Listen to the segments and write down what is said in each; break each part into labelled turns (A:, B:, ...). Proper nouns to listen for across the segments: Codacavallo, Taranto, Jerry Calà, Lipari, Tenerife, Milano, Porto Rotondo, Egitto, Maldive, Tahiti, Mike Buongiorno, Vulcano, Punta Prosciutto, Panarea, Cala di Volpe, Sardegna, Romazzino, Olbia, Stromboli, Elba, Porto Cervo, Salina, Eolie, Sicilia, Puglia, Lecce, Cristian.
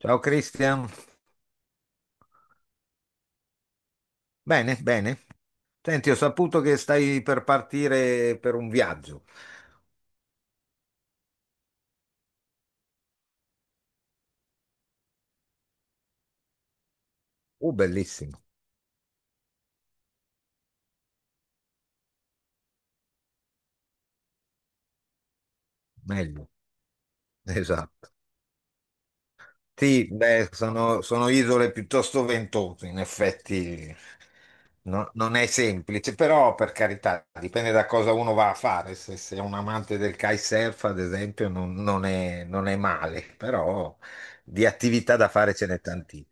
A: Ciao Cristian, bene, bene. Senti, ho saputo che stai per partire per un viaggio. Bellissimo, meglio, esatto. Sì, beh, sono isole piuttosto ventose, in effetti. Non è semplice, però per carità, dipende da cosa uno va a fare. Se sei un amante del kitesurf, ad esempio, non è male, però di attività da fare ce n'è tantissime.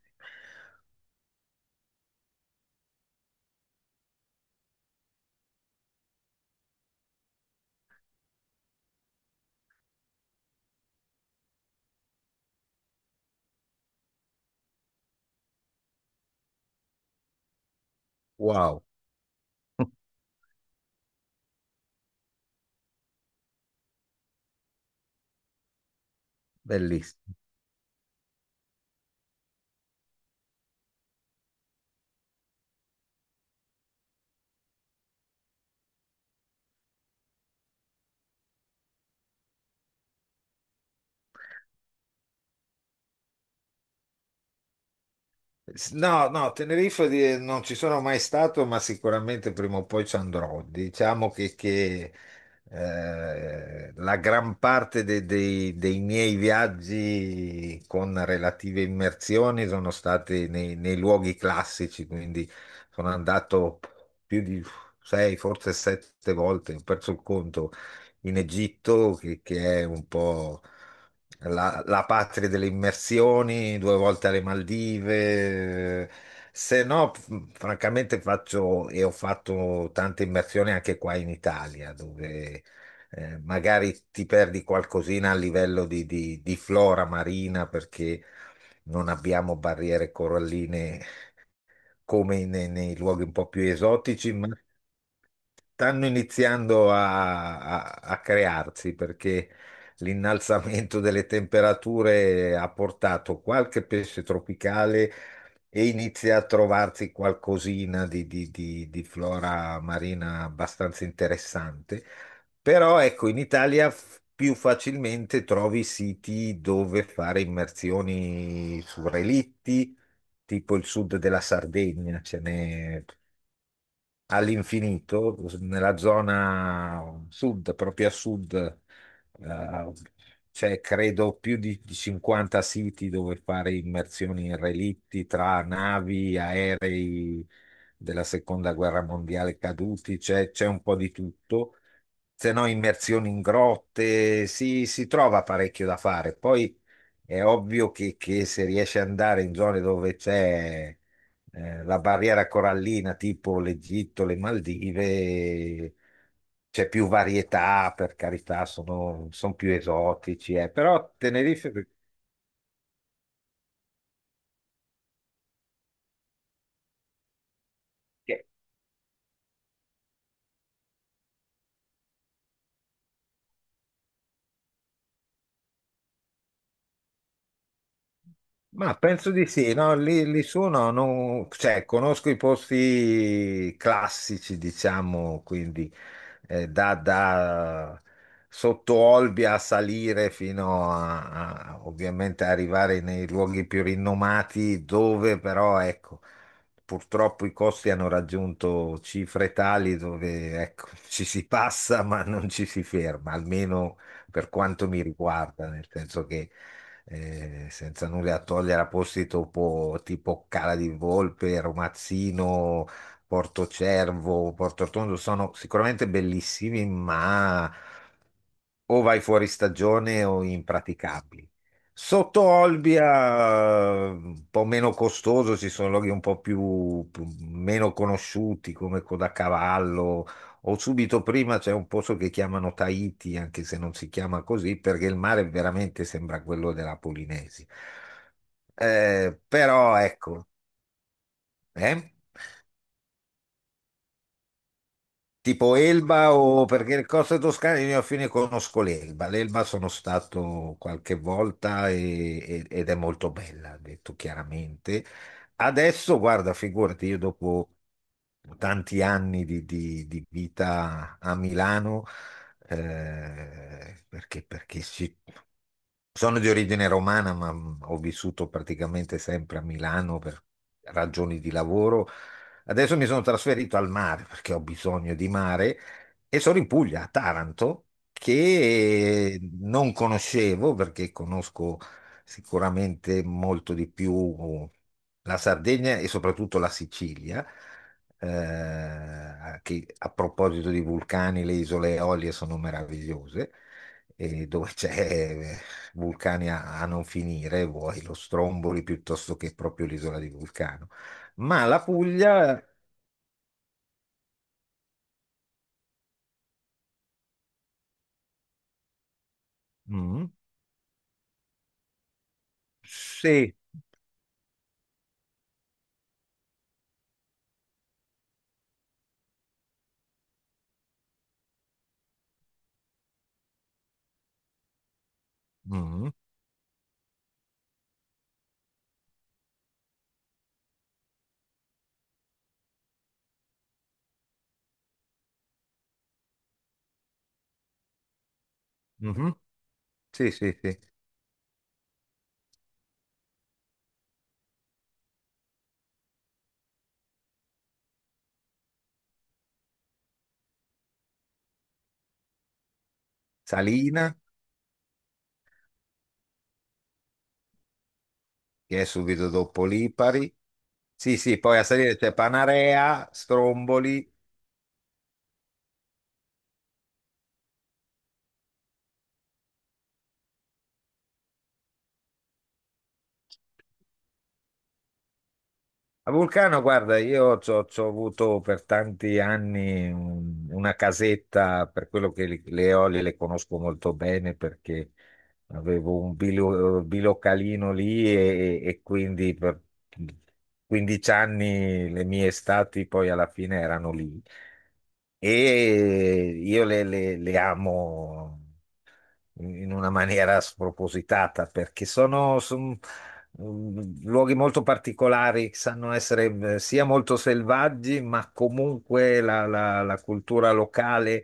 A: Wow, bellissimo. No, no, Tenerife non ci sono mai stato, ma sicuramente prima o poi ci andrò. Diciamo che la gran parte dei miei viaggi con relative immersioni sono stati nei luoghi classici, quindi sono andato più di sei, forse sette volte, ho perso il conto, in Egitto, che è un po'. La patria delle immersioni, due volte alle Maldive. Se no, francamente faccio e ho fatto tante immersioni anche qua in Italia, dove magari ti perdi qualcosina a livello di flora marina perché non abbiamo barriere coralline come nei luoghi un po' più esotici, ma stanno iniziando a crearsi perché l'innalzamento delle temperature ha portato qualche pesce tropicale e inizia a trovarsi qualcosina di flora marina abbastanza interessante. Però ecco, in Italia più facilmente trovi siti dove fare immersioni su relitti, tipo il sud della Sardegna, ce n'è all'infinito, nella zona sud, proprio a sud, eh, c'è credo più di 50 siti dove fare immersioni in relitti tra navi, aerei della seconda guerra mondiale caduti, c'è un po' di tutto. Se no, immersioni in grotte, si trova parecchio da fare. Poi è ovvio che se riesci ad andare in zone dove c'è la barriera corallina tipo l'Egitto, le Maldive, c'è più varietà, per carità, sono più esotici, però Tenerife. Ma penso di sì, no, lì su no, cioè, conosco i posti classici, diciamo, quindi da sotto Olbia a salire fino ovviamente a arrivare nei luoghi più rinomati, dove però, ecco, purtroppo i costi hanno raggiunto cifre tali dove, ecco, ci si passa ma non ci si ferma, almeno per quanto mi riguarda, nel senso che senza nulla a togliere a posti tipo Cala di Volpe, Romazzino, Porto Cervo, Porto Rotondo, sono sicuramente bellissimi, ma o vai fuori stagione o impraticabili. Sotto Olbia, un po' meno costoso, ci sono loghi un po' meno conosciuti come Codacavallo o subito prima c'è un posto che chiamano Tahiti, anche se non si chiama così, perché il mare veramente sembra quello della Polinesi. Però ecco. Eh? Tipo Elba o perché le coste toscane io a fine conosco l'Elba. L'Elba sono stato qualche volta ed è molto bella, detto chiaramente. Adesso, guarda, figurati, io dopo tanti anni di vita a Milano, perché sono di origine romana, ma ho vissuto praticamente sempre a Milano per ragioni di lavoro. Adesso mi sono trasferito al mare perché ho bisogno di mare e sono in Puglia, a Taranto, che non conoscevo perché conosco sicuramente molto di più la Sardegna e soprattutto la Sicilia. Che a proposito di vulcani, le isole Eolie sono meravigliose e dove c'è vulcani a non finire, vuoi lo Stromboli piuttosto che proprio l'isola di Vulcano. Ma la Puglia. Mm. Sì. Mm. Mhm. Sì, sì, sì. Salina, che è subito dopo Lipari. Sì, sì, poi a salire c'è Panarea, Stromboli. A Vulcano, guarda, io ci ho c'ho avuto per tanti anni una casetta, per quello che le olie le conosco molto bene perché avevo un bilocalino lì e quindi per 15 anni le mie estati poi alla fine erano lì. E io le amo, in una maniera spropositata, perché sono luoghi molto particolari, che sanno essere sia molto selvaggi, ma comunque la cultura locale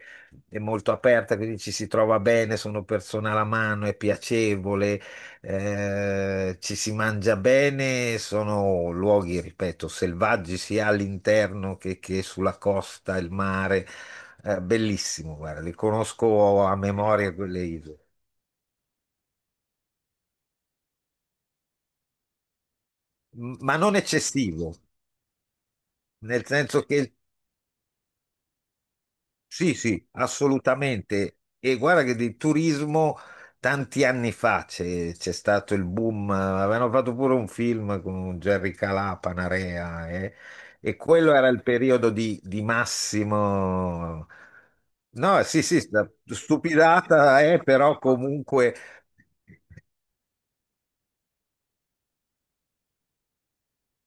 A: è molto aperta, quindi ci si trova bene, sono persone alla mano, è piacevole, ci si mangia bene, sono luoghi, ripeto, selvaggi sia all'interno che sulla costa, il mare. Bellissimo, guarda, li conosco a memoria quelle isole. Ma non eccessivo, nel senso che sì, sì, assolutamente. E guarda che di turismo tanti anni fa c'è stato il boom, avevano fatto pure un film con Jerry Calà, Panarea, e quello era il periodo di massimo... No, sì, sì, stupidata, però comunque...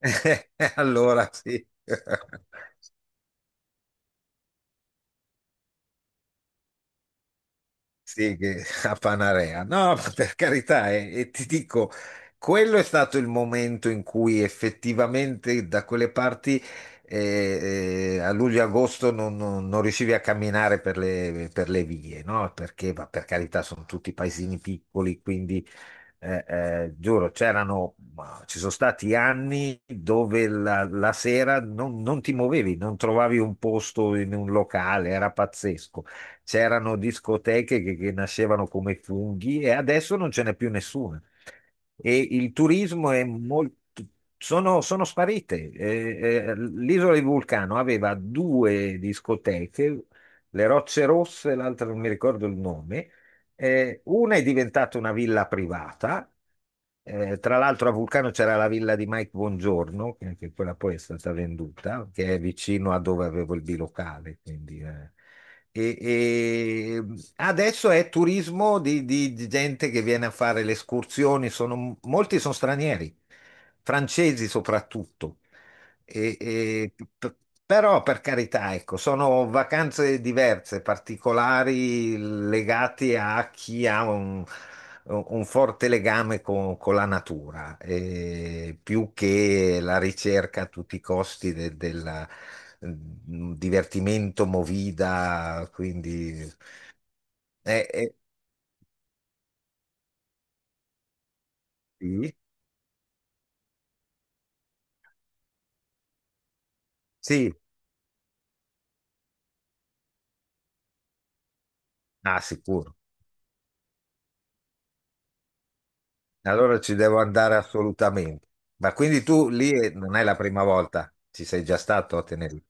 A: Allora sì. Sì, che a Panarea. No, ma per carità, e ti dico, quello è stato il momento in cui effettivamente da quelle parti a luglio-agosto non riuscivi a camminare per le vie, no? Perché, ma per carità, sono tutti paesini piccoli, quindi giuro, c'erano, ma ci sono stati anni dove la sera non ti muovevi, non trovavi un posto in un locale, era pazzesco. C'erano discoteche che nascevano come funghi e adesso non ce n'è più nessuna. E il turismo è molto... Sono sparite. L'isola di Vulcano aveva due discoteche, le Rocce Rosse, l'altra non mi ricordo il nome, una è diventata una villa privata, tra l'altro a Vulcano c'era la villa di Mike Buongiorno, che quella poi è stata venduta, che è vicino a dove avevo il bilocale, quindi. E adesso è turismo di gente che viene a fare le escursioni, molti sono stranieri, francesi soprattutto. E- e- p- Però per carità, ecco, sono vacanze diverse, particolari, legate a chi ha un forte legame con la natura, più che la ricerca a tutti i costi del divertimento movida, quindi... eh, eh, sì, sì, ah, sicuro. Allora ci devo andare assolutamente. Ma quindi tu lì non è la prima volta, ci sei già stato a Tenerife.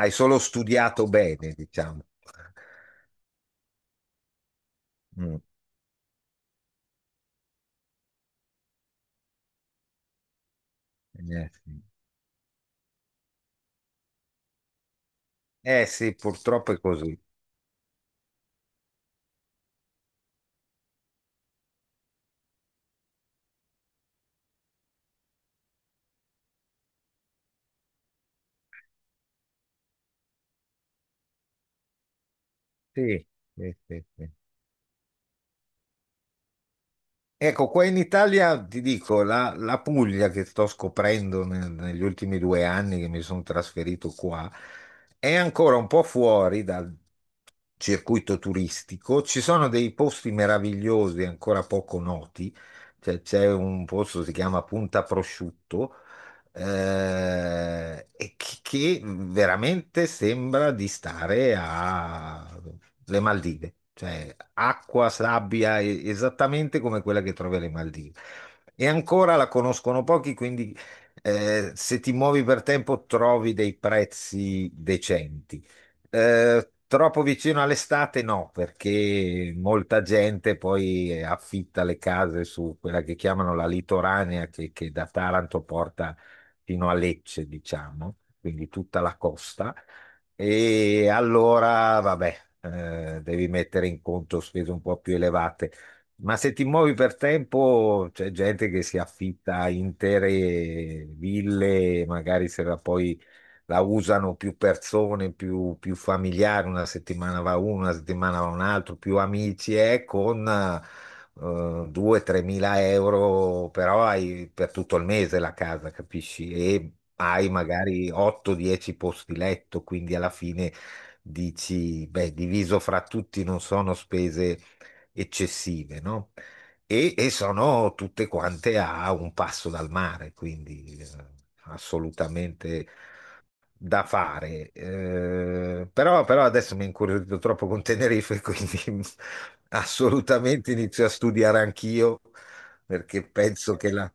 A: Hai solo studiato bene, diciamo. Mm, eh sì. Eh sì, purtroppo è così. Sì, sì, sì, sì. Ecco, qua in Italia ti dico, la Puglia che sto scoprendo negli ultimi 2 anni che mi sono trasferito qua, è ancora un po' fuori dal circuito turistico. Ci sono dei posti meravigliosi ancora poco noti. Cioè, c'è un posto che si chiama Punta Prosciutto, e che veramente sembra di stare alle Maldive, cioè acqua, sabbia, esattamente come quella che trovi alle Maldive. E ancora la conoscono pochi, quindi se ti muovi per tempo trovi dei prezzi decenti. Troppo vicino all'estate no, perché molta gente poi affitta le case su quella che chiamano la litoranea, che da Taranto porta fino a Lecce, diciamo, quindi tutta la costa. E allora, vabbè, devi mettere in conto spese un po' più elevate. Ma se ti muovi per tempo, c'è gente che si affitta intere ville, magari se la poi la usano più persone, più familiari, una settimana va uno, una settimana va un altro, più amici, e con 2-3 mila euro, però hai per tutto il mese la casa, capisci? E hai magari 8-10 posti letto, quindi alla fine dici, beh, diviso fra tutti non sono spese eccessive, no? E sono tutte quante a un passo dal mare, quindi assolutamente da fare. Però, adesso mi è incuriosito troppo con Tenerife, quindi assolutamente inizio a studiare anch'io perché penso che la...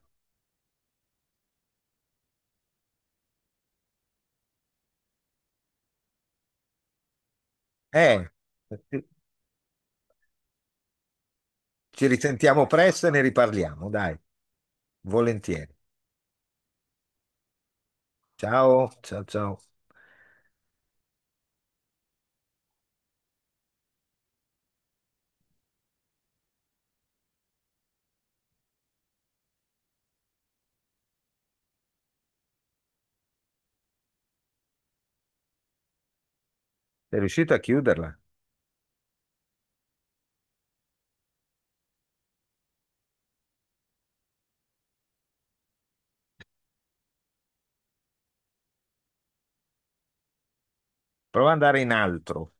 A: Eh, Ci risentiamo presto e ne riparliamo, dai, volentieri. Ciao, ciao, ciao. Sei riuscito a chiuderla? Prova ad andare in altro.